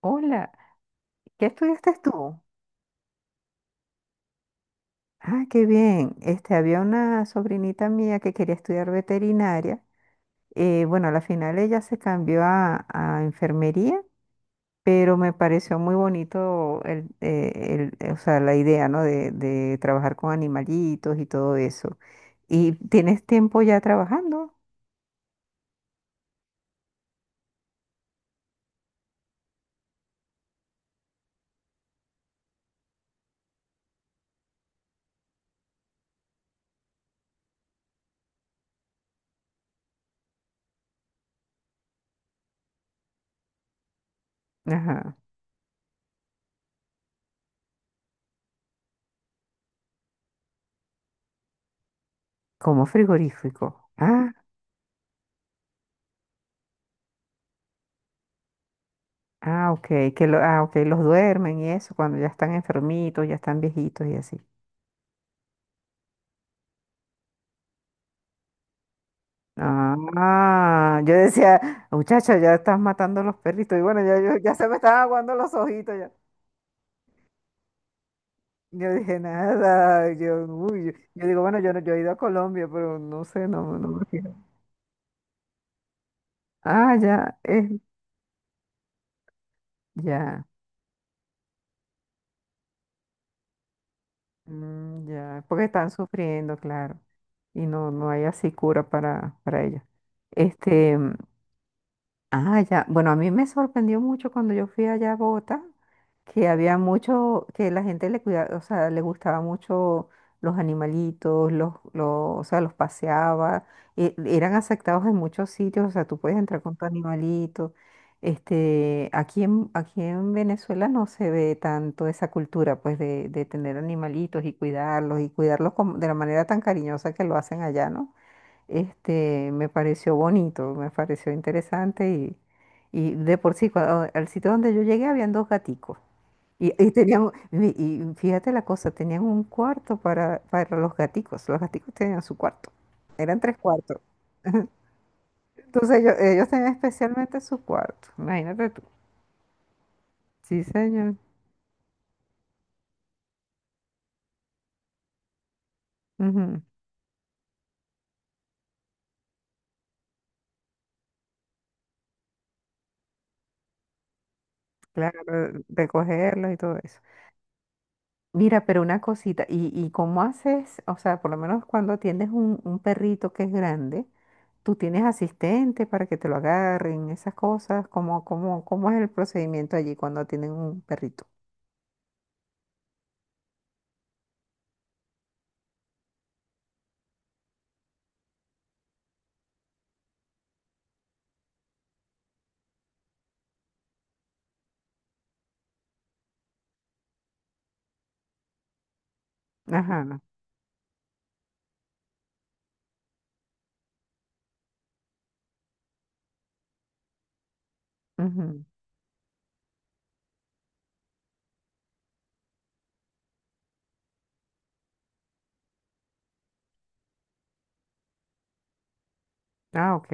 Hola, ¿qué estudiaste tú? Ah, qué bien. Había una sobrinita mía que quería estudiar veterinaria. Bueno, a la final ella se cambió a enfermería, pero me pareció muy bonito o sea, la idea, ¿no? De trabajar con animalitos y todo eso. ¿Y tienes tiempo ya trabajando? Ajá. Como frigorífico. Ah, ah, ok. Que lo, ah, ok, los duermen y eso, cuando ya están enfermitos, ya están viejitos y así. Ah, yo decía, muchacha, ya estás matando los perritos. Y bueno, ya, yo, ya se me estaban aguando los ojitos. Ya. Yo dije, nada, yo, uy, yo digo, bueno, yo, no- yo he ido a Colombia, pero no sé, no, no me fijo. Ah, ya, es, ya, mm, ya, porque están sufriendo, claro, y no, no hay así cura para ellos. Este, Ah, ya. Bueno, a mí me sorprendió mucho cuando yo fui allá a Bogotá, que había mucho, que la gente le cuidaba, o sea, le gustaba mucho los animalitos, o sea, los paseaba, eran aceptados en muchos sitios, o sea, tú puedes entrar con tu animalito. Aquí en, aquí en Venezuela no se ve tanto esa cultura, pues, de tener animalitos y cuidarlos, y cuidarlos de la manera tan cariñosa que lo hacen allá, ¿no? Este, me pareció bonito, me pareció interesante y de por sí, al sitio donde yo llegué habían dos gaticos y tenían, y fíjate la cosa, tenían un cuarto para los gaticos tenían su cuarto, eran tres cuartos, entonces ellos tenían especialmente su cuarto, imagínate tú. Sí, señor. Ujú. Claro, recogerlos y todo eso. Mira, pero una cosita, y cómo haces? O sea, por lo menos cuando atiendes un perrito que es grande, ¿tú tienes asistente para que te lo agarren, esas cosas? ¿Cómo es el procedimiento allí cuando tienen un perrito? Ajá. Ujú. Ah, ok.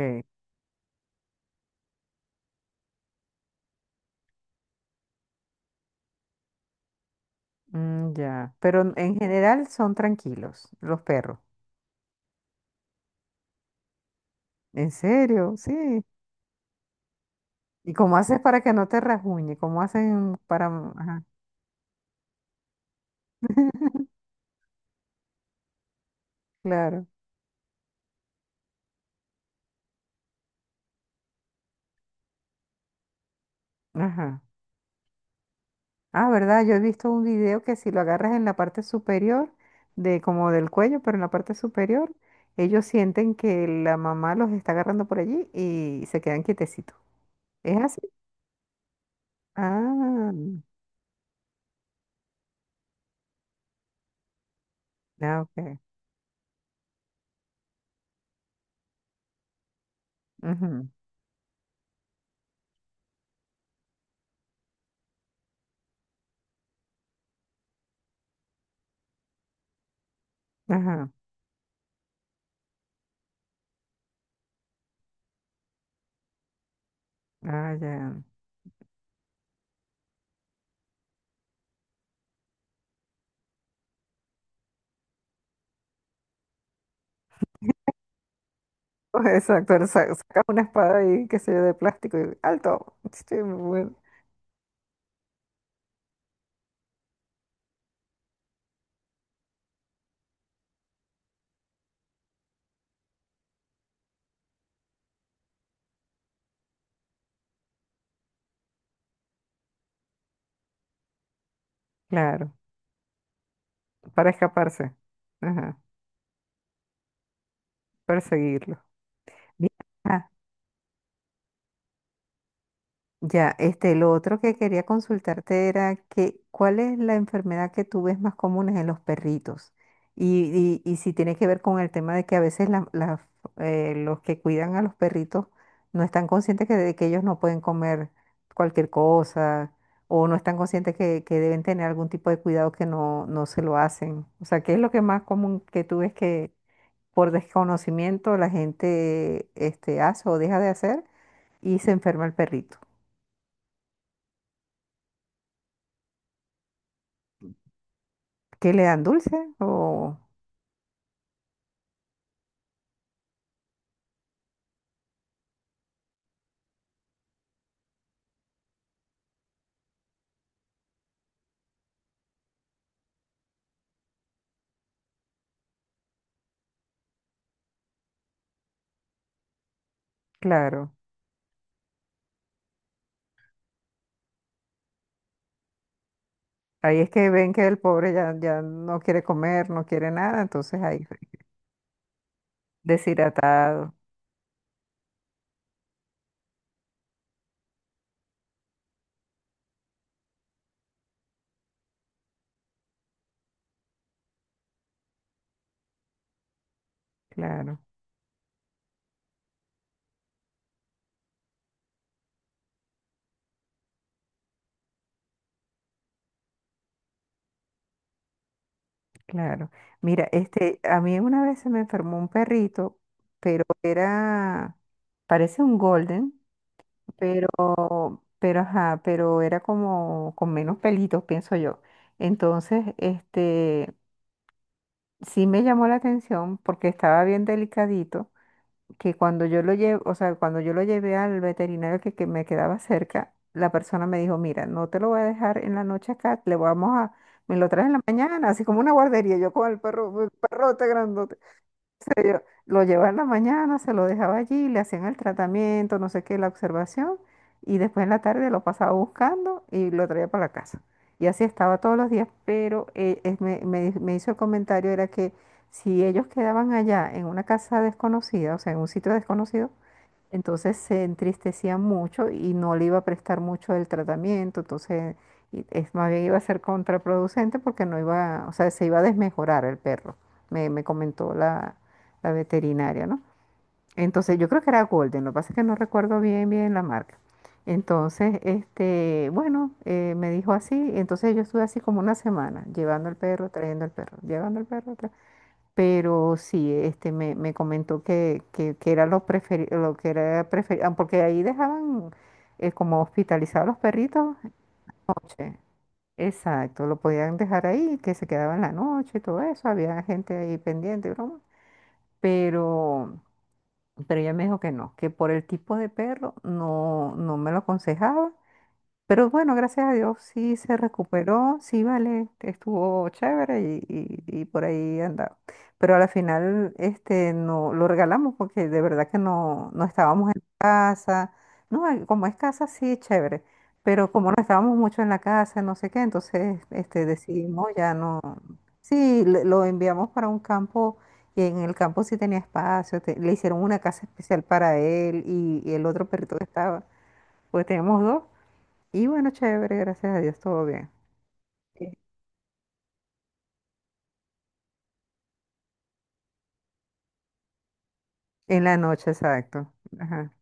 Mm, ya. Pero en general son tranquilos los perros. ¿En serio? Sí. ¿Y cómo haces para que no te rasguñe? ¿Cómo hacen para...? Ajá. Claro. Ajá. Ah, ¿verdad? Yo he visto un video que si lo agarras en la parte superior, de como del cuello, pero en la parte superior, ellos sienten que la mamá los está agarrando por allí y se quedan quietecitos. ¿Es así? Ah, ya. Ok. Ujú, Ajá. Ah, ya. Exacto, sacas una espada ahí, qué sé yo, de plástico y alto. Sí, muy bueno. Claro, para escaparse. Ajá, perseguirlo. Mira, ya, lo otro que quería consultarte era que, ¿cuál es la enfermedad que tú ves más común en los perritos? Y si tiene que ver con el tema de que a veces los que cuidan a los perritos no están conscientes que, de que ellos no pueden comer cualquier cosa o no están conscientes que deben tener algún tipo de cuidado que no, no se lo hacen. O sea, ¿qué es lo que más común que tú ves que por desconocimiento la gente hace o deja de hacer y se enferma el perrito? ¿Qué le dan dulce? O claro. Ahí es que ven que el pobre ya, ya no quiere comer, no quiere nada, entonces ahí fue deshidratado. Claro, claro. Mira, a mí una vez se me enfermó un perrito, pero era, parece un golden, pero ajá, pero era como con menos pelitos, pienso yo. Entonces, sí me llamó la atención porque estaba bien delicadito. Que cuando yo lo llevo, o sea, cuando yo lo llevé al veterinario que me quedaba cerca, la persona me dijo, mira, no te lo voy a dejar en la noche acá, le vamos a, me lo traes en la mañana, así como una guardería, yo con el perro, el perrote grandote. Lo llevaba en la mañana, se lo dejaba allí, le hacían el tratamiento, no sé qué, la observación, y después en la tarde lo pasaba buscando y lo traía para la casa. Y así estaba todos los días, pero me hizo el comentario, era que si ellos quedaban allá en una casa desconocida, o sea, en un sitio desconocido, entonces se entristecía mucho y no le iba a prestar mucho el tratamiento, entonces y es más bien iba a ser contraproducente porque no iba, o sea, se iba a desmejorar el perro, me comentó la veterinaria, ¿no? Entonces yo creo que era Golden, lo que pasa es que no recuerdo bien bien la marca. Entonces, bueno, me dijo así, entonces yo estuve así como una semana, llevando el perro, trayendo el perro, llevando el perro, pero sí, me comentó que era lo preferido, lo que era preferido, porque ahí dejaban como hospitalizados los perritos noche. Exacto, lo podían dejar ahí, que se quedaban la noche y todo eso, había gente ahí pendiente, y broma. Pero, pero ella me dijo que no, que por el tipo de perro no, no me lo aconsejaba pero bueno, gracias a Dios sí se recuperó, sí vale, estuvo chévere y, y por ahí andaba. Pero a la final no lo regalamos porque de verdad que no, no estábamos en casa. No, como es casa sí, chévere, pero como no estábamos mucho en la casa, no sé qué, entonces decidimos ya no. Sí, lo enviamos para un campo y en el campo sí tenía espacio, le hicieron una casa especial para él y el otro perrito que estaba, pues teníamos dos. Y bueno, chévere, gracias a Dios, todo bien. Eh, En la noche, exacto. Ajá,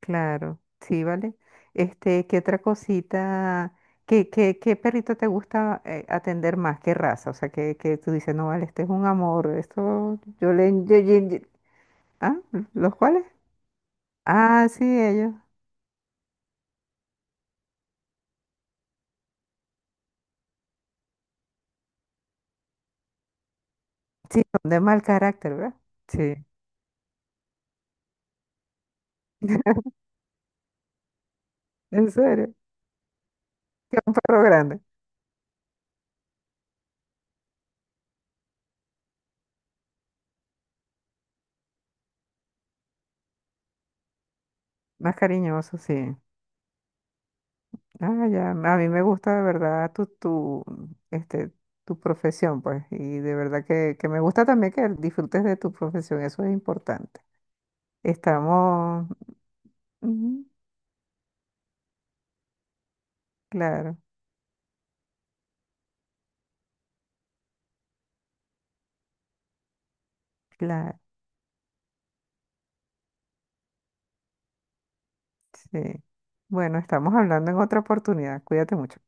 claro, sí, vale. Este, ¿qué otra cosita? ¿Qué, qué, qué perrito te gusta atender más? ¿Qué raza? O sea, que tú dices, no, vale, este es un amor, esto yo le... ¿Ah? ¿Los cuales? Ah, sí, ellos. Sí, son de mal carácter, ¿verdad? Sí, en serio, perro grande, más cariñoso, sí. Ah, ya, a mí me gusta de verdad este, tu profesión, pues, y de verdad que me gusta también que disfrutes de tu profesión, eso es importante. Estamos, ujú, claro, claro, sí. Bueno, estamos hablando en otra oportunidad, cuídate mucho.